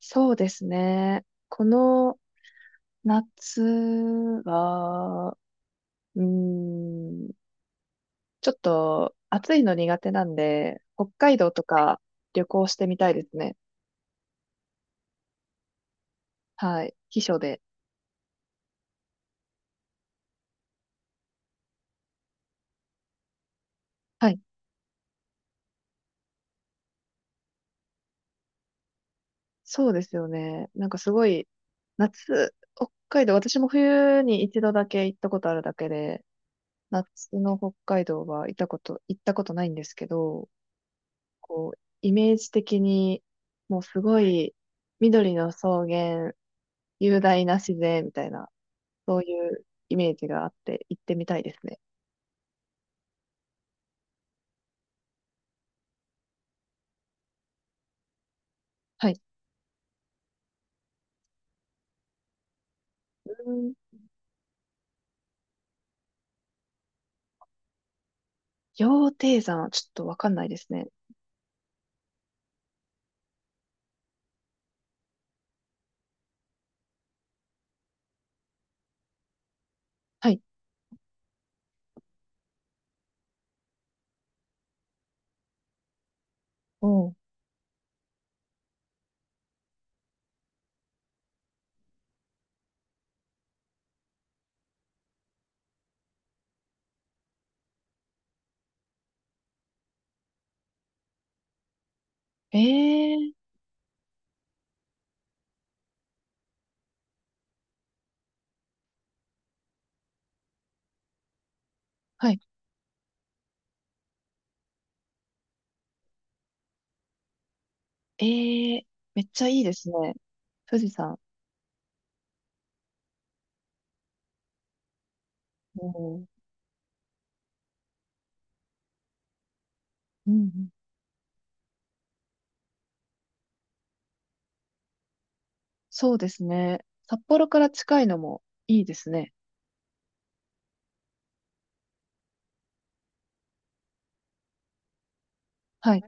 そうですね。この夏は、うーん、ちょっと暑いの苦手なんで、北海道とか旅行してみたいですね。はい。避暑で。はい。そうですよね。なんかすごい、夏、北海道、私も冬に一度だけ行ったことあるだけで、夏の北海道は行ったことないんですけど、こう、イメージ的に、もうすごい、緑の草原、雄大な自然みたいな、そういうイメージがあって行ってみたいですね。はい。うん、羊蹄山、ちょっとわかんないですね。はい。おう。ええー、はい。ええー、めっちゃいいですね。富士山。おう。うんうん。そうですね。札幌から近いのもいいですね。はい。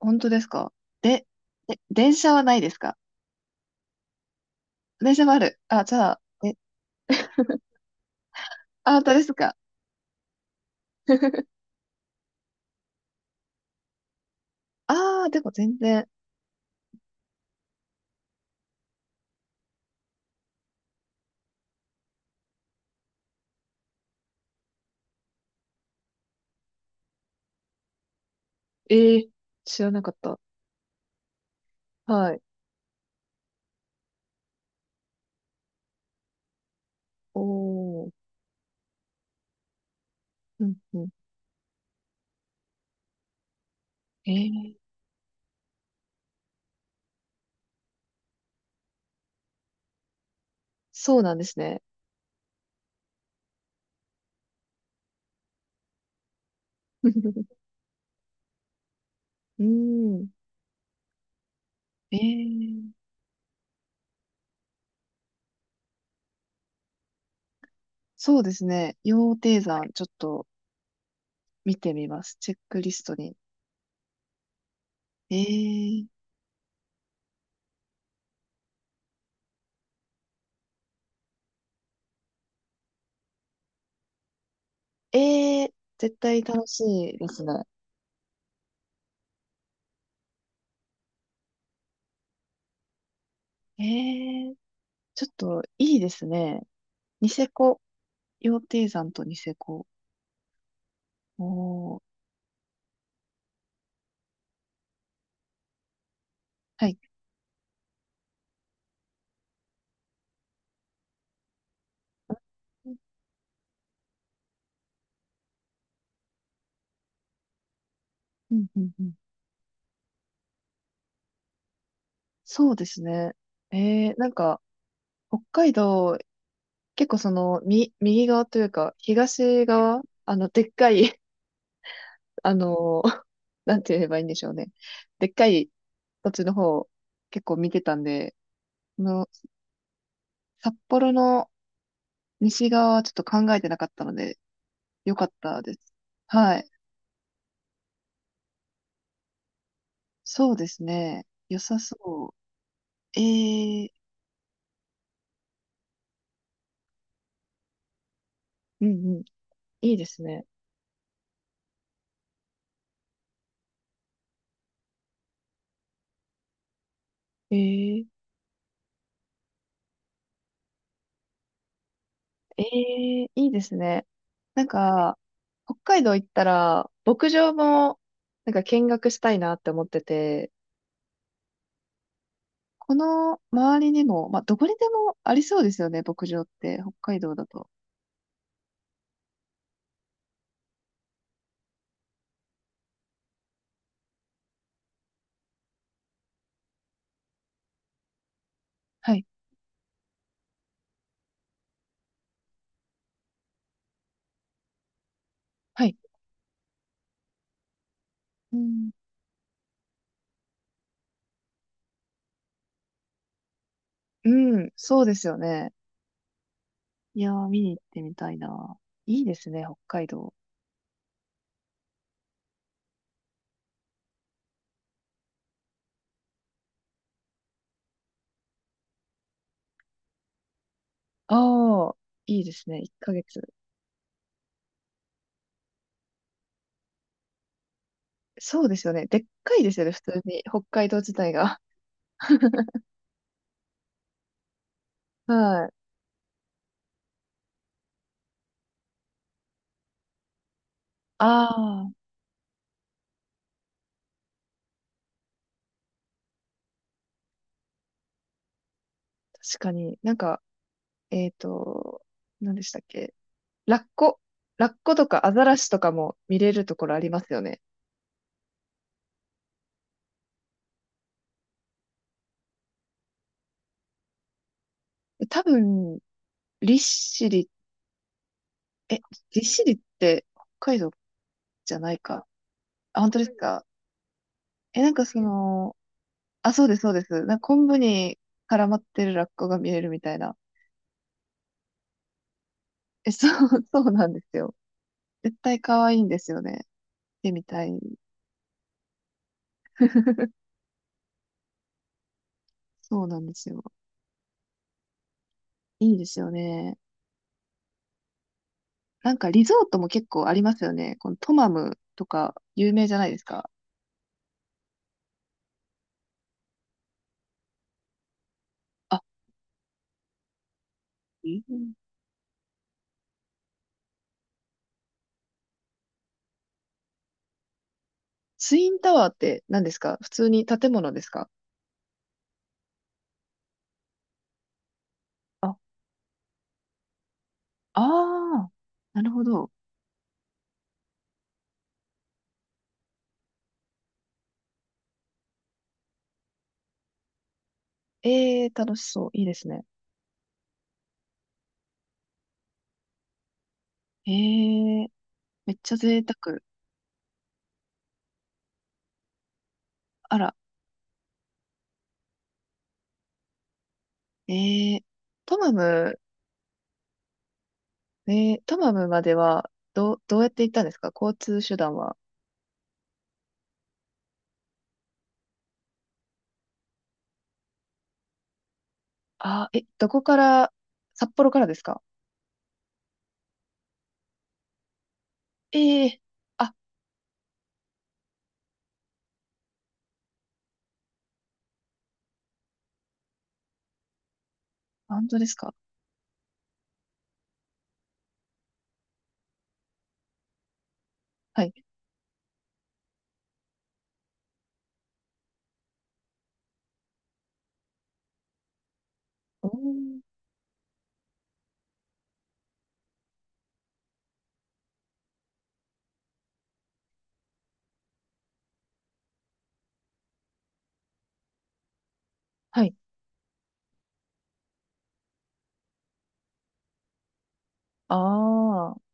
本当ですか？で、電車はないですか？電車もある。あ、じゃあ、え、あ、本当ですか。ああ、でも全然。ええー、知らなかった。はい。おー、うんうん。えー、そうなんですね。うん。えー、そうですね。羊蹄山、ちょっと見てみます。チェックリストに。えー、えー、絶対楽しいですね。えー、ちょっといいですね。ニセコ。羊蹄山とニセコ。おー、はい。うんうんうん。そうですね。なんか、北海道結構その、右側というか、東側、でっかい、あの、なんて言えばいいんでしょうね。でっかい土地の方、結構見てたんで、その、札幌の西側はちょっと考えてなかったので、よかったです。はい。そうですね。良さそう。ええ、うんうん。いいですね。ええ、ええ、いいですね。なんか、北海道行ったら、牧場も、なんか見学したいなって思ってて、この周りにも、まあ、どこにでもありそうですよね、牧場って、北海道だと。はい、はい。うん、うん、そうですよね。いやー、見に行ってみたいな。いいですね、北海道。ああ、いいですね、1ヶ月。そうですよね。でっかいですよね、普通に、北海道自体が。はい。ああ、確かに。なんか、えっと、何でしたっけ？ラッコ。ラッコとかアザラシとかも見れるところありますよね。多分、利尻、え、利尻って北海道じゃないか。あ、本当ですか。え、なんかあ、そうです、そうです。なんか昆布に絡まってるラッコが見れるみたいな。え、そう、そうなんですよ。絶対可愛いんですよね。見てみたい。そうなんですよ。いいですよね。なんかリゾートも結構ありますよね。このトマムとか有名じゃないですか。あ、うん、ツインタワーって何ですか？普通に建物ですか？あ、あー、なるほど。ええー、楽しそう。いいですね。ええー、めっちゃ贅沢。あら、ええー、トマム、えトマムまではどうやって行ったんですか？交通手段は。あー、え、どこから、札幌からですか？ええー、あ、本当ですか？はい。おー、はい。ああ。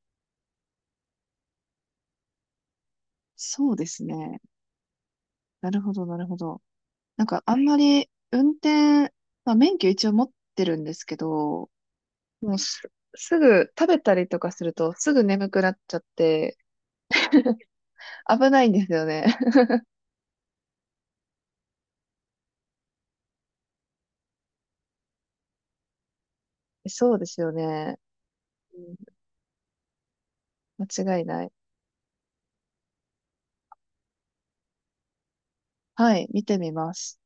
そうですね。なるほど、なるほど。なんかあんまり運転、まあ、免許一応持ってるんですけど、もう、すぐ食べたりとかするとすぐ眠くなっちゃって危ないんですよね。そうですよね。うん、間違いない。はい、見てみます。